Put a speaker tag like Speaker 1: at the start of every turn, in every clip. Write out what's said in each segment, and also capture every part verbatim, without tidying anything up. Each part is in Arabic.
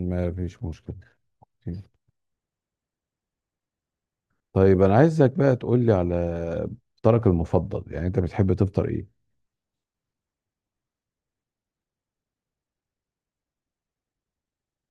Speaker 1: ما فيش مشكلة. طيب أنا عايزك بقى تقول لي على فطارك المفضل، يعني أنت بتحب تفطر إيه؟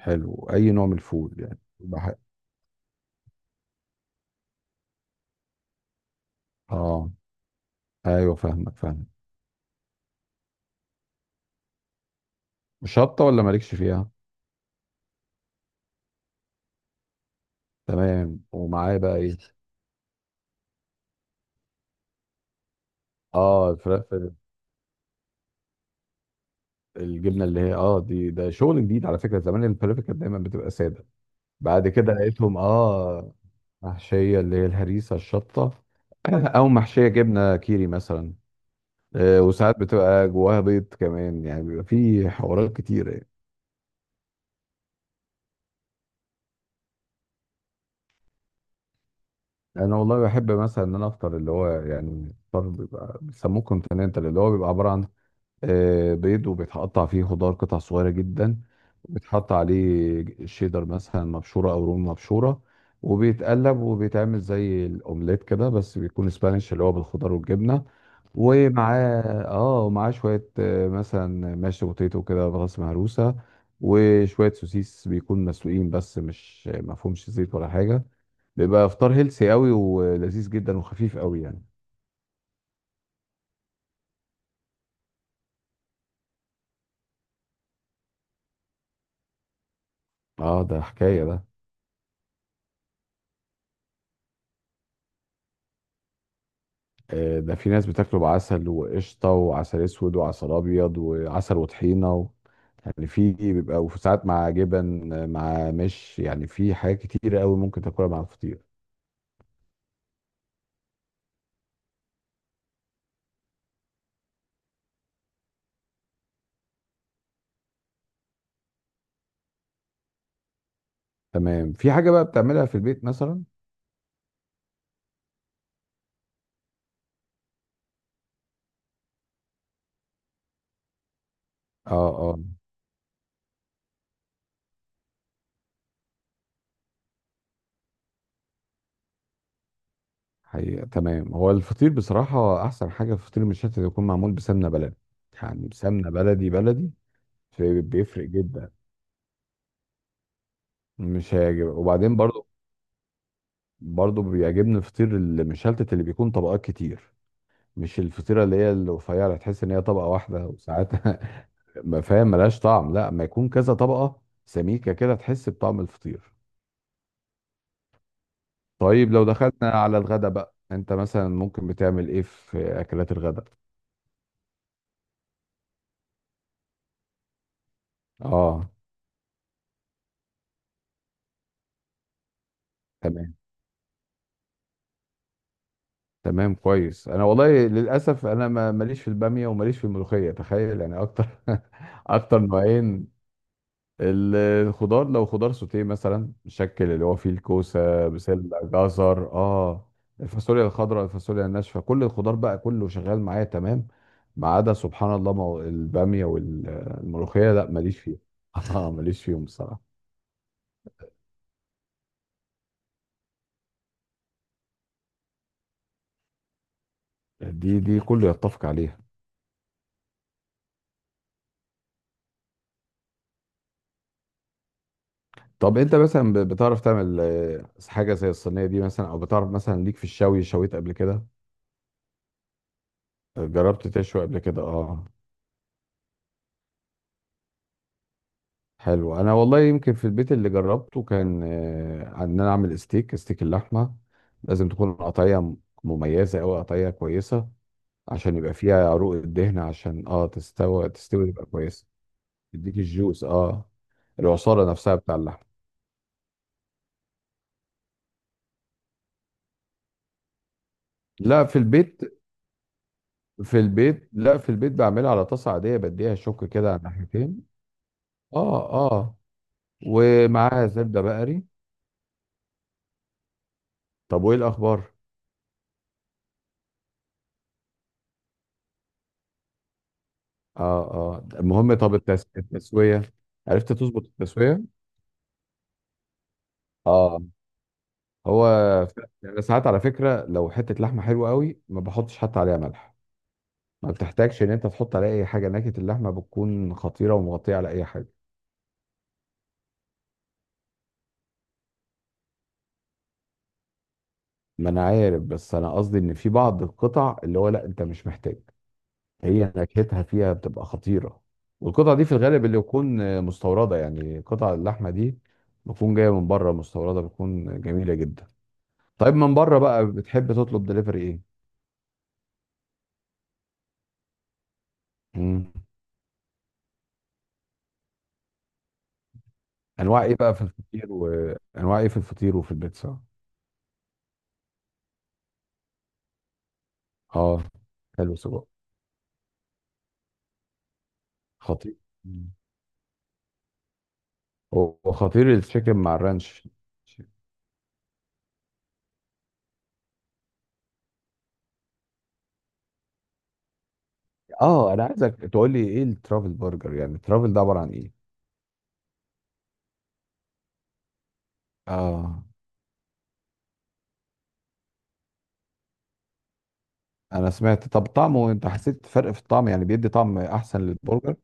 Speaker 1: حلو، أي نوع من الفول يعني بح... آه، أيوه، فاهمك فاهمك شطة ولا مالكش فيها؟ تمام، ومعاه بقى إيه؟ آه، الفلافل. الجبنة اللي هي آه دي، ده شغل جديد على فكرة، زمان الفلافل كانت دايما بتبقى سادة. بعد كده لقيتهم آه محشية، اللي هي الهريسة الشطة، أو محشية جبنة كيري مثلا. آه، وساعات بتبقى جواها بيض كمان، يعني بيبقى في حوارات كتيرة يعني. انا والله بحب مثلا ان انا افطر اللي هو يعني فطار بيبقى بيسموه كونتيننتال، اللي هو بيبقى عبارة عن آه، بيض وبيتقطع فيه خضار قطع صغيرة جدا، وبيتحط عليه شيدر مثلا مبشورة او رومي مبشورة، وبيتقلب وبيتعمل زي الاومليت كده، بس بيكون سبانيش اللي هو بالخضار والجبنة. ومعاه اه ومعاه شوية آه، مثلا ماشي بوتيتو كده براس مهروسة، وشوية سوسيس بيكون مسلوقين بس مش مفهومش زيت ولا حاجة. بيبقى افطار هيلسي قوي ولذيذ جدا وخفيف قوي يعني. اه، ده حكاية ده آه، ده في ناس بتاكله بعسل وقشطة وعسل اسود وعسل ابيض وعسل وطحينة و... يعني في بيبقى وساعات مع جبن، آه، مع مش يعني في حاجات كتيرة قوي ممكن تاكلها مع الفطير. تمام، في حاجة بقى بتعملها في البيت مثلا؟ اه، اه. حقيقة تمام، هو الفطير بصراحة أحسن حاجة في فطير المشلتت يكون معمول بسمنة بلدي، يعني بسمنة بلدي بلدي. في- بيفرق جدا. مش هيعجب وبعدين برضو، برضو بيعجبني فطير المشلتت اللي بيكون طبقات كتير، مش الفطيرة اللي هي الرفيعة تحس إن هي طبقة واحدة وساعات ما فاهم ملهاش طعم، لا، ما يكون كذا طبقة سميكة كده تحس بطعم الفطير. طيب لو دخلنا على الغدا بقى، أنت مثلا ممكن بتعمل إيه في أكلات الغدا؟ آه، تمام، تمام، كويس. انا والله للاسف انا ما- ماليش في الباميه وماليش في الملوخيه، تخيل يعني اكتر. اكتر نوعين ال- الخضار، لو خضار سوتيه مثلا الشكل اللي هو فيه الكوسه بسله جزر، اه، الفاصوليا الخضراء، الفاصوليا الناشفه، كل الخضار بقى كله شغال معايا تمام، ما عدا سبحان الله مو- الباميه والملوخيه، لا ماليش فيها. اه ماليش فيهم بصراحه. دي دي كله يتفق عليها. طب انت مثلا ب- بتعرف تعمل آه، حاجه زي الصينيه دي مثلا، او بتعرف مثلا ليك في الشوي، شويت قبل كده؟ جربت تشوي قبل كده؟ اه، حلو. انا والله يمكن في البيت اللي جربته كان آه، ان انا اعمل ستيك، ستيك اللحمه لازم تكون قطعيه مميزه او قطعيه كويسه، عشان يبقى فيها عروق الدهن، عشان اه تستوي تستوي تبقى كويسه. تديك الجوس، اه، العصاره نفسها بتاع اللحمه. لا، في البيت. في البيت، لا، في البيت بعملها على طاسه عاديه، بديها شوك كده على ناحيتين. اه اه، ومعاها زبدة بقري. طب وايه الاخبار؟ اه اه. المهم، طب التس... التسوية، عرفت تظبط التسوية؟ اه، هو ف- يعني ساعات على فكرة لو حتة لحمة حلوة قوي ما بحطش حتى عليها ملح، ما بتحتاجش ان انت تحط عليها اي حاجة، نكهة اللحمة بتكون خطيرة ومغطية على اي حاجة. ما انا عارف، بس انا قصدي ان في بعض القطع اللي هو لا انت مش محتاج، هي نكهتها فيها بتبقى خطيرة. والقطع دي في الغالب اللي يكون آه، مستوردة، يعني قطع اللحمة دي بتكون جاية من بره مستوردة بتكون جميلة جدا. طيب من بره بقى بتحب تطلب دليفري ايه؟ مم. انواع ايه بقى في الفطير، وانواع ايه في الفطير وفي البيتزا؟ اه، حلو، سجق. خطير. مم. هو خطير التشيكن مع الرانش. اه، انا عايزك تقول لي ايه الترافل برجر، يعني الترافل ده عبارة عن ايه؟ اه، انا سمعت. طب طعمه انت حسيت فرق في الطعم، يعني بيدي طعم احسن للبرجر؟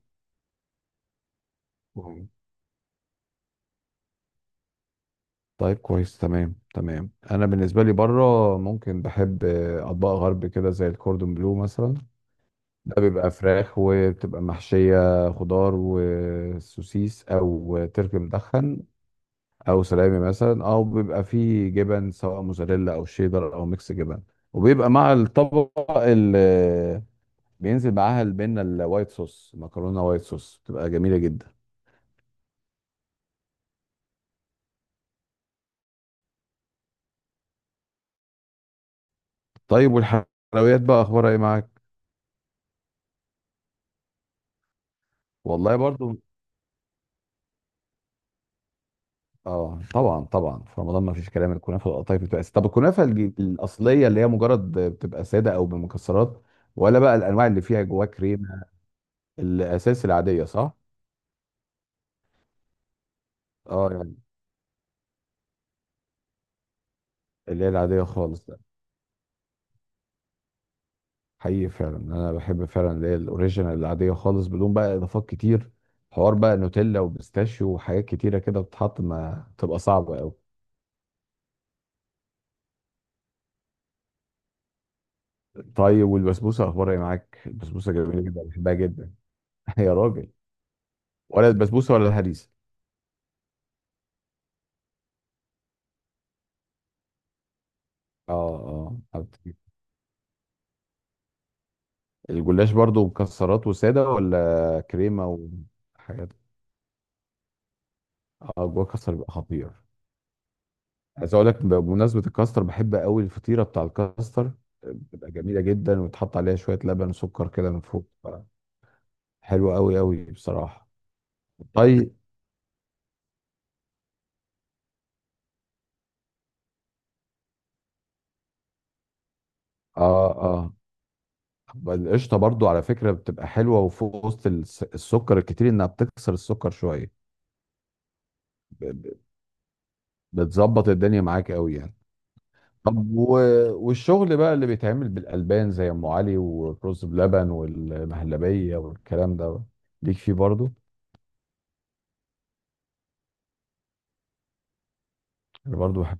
Speaker 1: مم. طيب، كويس، تمام تمام. انا بالنسبه لي بره ممكن بحب آه، اطباق غرب كده زي الكوردون بلو مثلا. ده بيبقى فراخ وبتبقى محشيه خضار وسوسيس او تركي مدخن او سلامي مثلا، او بيبقى فيه جبن سواء موزاريلا او شيدر او ميكس جبن، وبيبقى مع الطبق اللي بينزل معاها البنه الوايت صوص، مكرونه وايت صوص بتبقى جميله جدا. طيب والحلويات بقى اخبارها ايه معاك؟ والله برضو. اه طبعا طبعا، في رمضان ما فيش كلام، الكنافه والقطايف بتبقى أساسية. طب الكنافه الج- الاصليه اللي هي مجرد بتبقى ساده او بمكسرات، ولا بقى الانواع اللي فيها جواها كريمه؟ الاساس العاديه، صح؟ اه، يعني اللي هي العاديه خالص ده. حقيقي فعلا، انا بحب فعلا اللي هي الاوريجينال العاديه خالص بدون بقى اضافات كتير. حوار بقى نوتيلا وبيستاشيو وحاجات كتيره كده بتتحط، ما تبقى صعبه قوي. طيب والبسبوسه اخبارها ايه معاك؟ البسبوسه جميله جدا بحبها جدا. يا راجل، ولا البسبوسه ولا الهريسه؟ اه اه، عارف. الجلاش برضو مكسرات وساده ولا كريمه وحاجات؟ اه، جوه كاستر بيبقى خطير. عايز اقول لك بمناسبه الكاستر، بحب قوي الفطيره بتاع الكاستر، بتبقى جميله جدا وتحط عليها شويه لبن وسكر كده من فوق. حلوه قوي قوي بصراحه. طيب. اه اه، القشطه برضو على فكره بتبقى حلوه وفوق وسط الس- السكر الكتير، انها بتكسر السكر شويه. ب- ب- بتظبط الدنيا معاك قوي يعني. طب و... والشغل بقى اللي بيتعمل بالألبان زي أم علي والرز بلبن والمهلبية والكلام ده، ليك فيه برضه؟ أنا برضه بحب.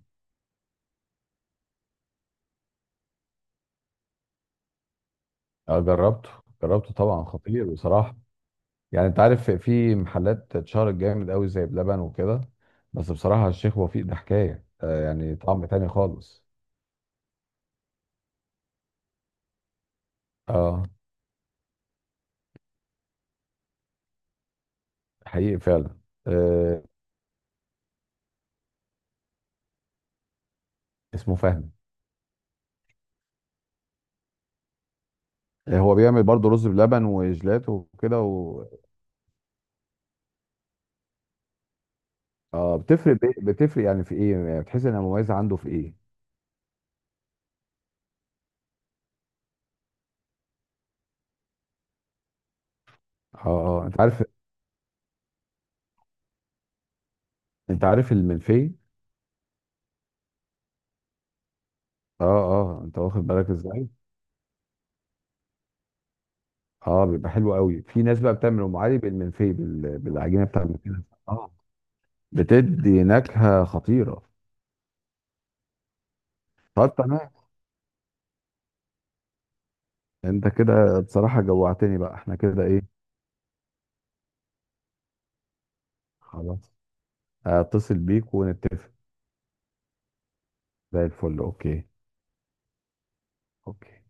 Speaker 1: آه، جربته، جربته طبعا، خطير بصراحة. يعني أنت عارف في محلات اتشهرت جامد قوي زي بلبن وكده، بس بصراحة الشيخ وفيق ده حكاية. آه، يعني طعم تاني خالص. اه، حقيقي فعلا. آه، اسمه فهمي. آه، هو بيعمل برضه رز بلبن وجيلاتي وكده و... اه، بتفرق بي- بتفرق يعني في ايه، يعني بتحس انها مميزة عنده في ايه؟ اه اه، انت عارف. انت عارف المنفي. اه اه، انت واخد بالك ازاي. اه بيبقى حلو قوي. في ناس بقى بتعمل ام علي بالمنفي بال... بالعجينه بتاع المنفي. اه، بتدي نكهه خطيره. طب تمام، انت كده بصراحه جوعتني بقى، احنا كده ايه. خلاص، اتصل بيك ونتفق. زي الفل، اوكي. اوكي.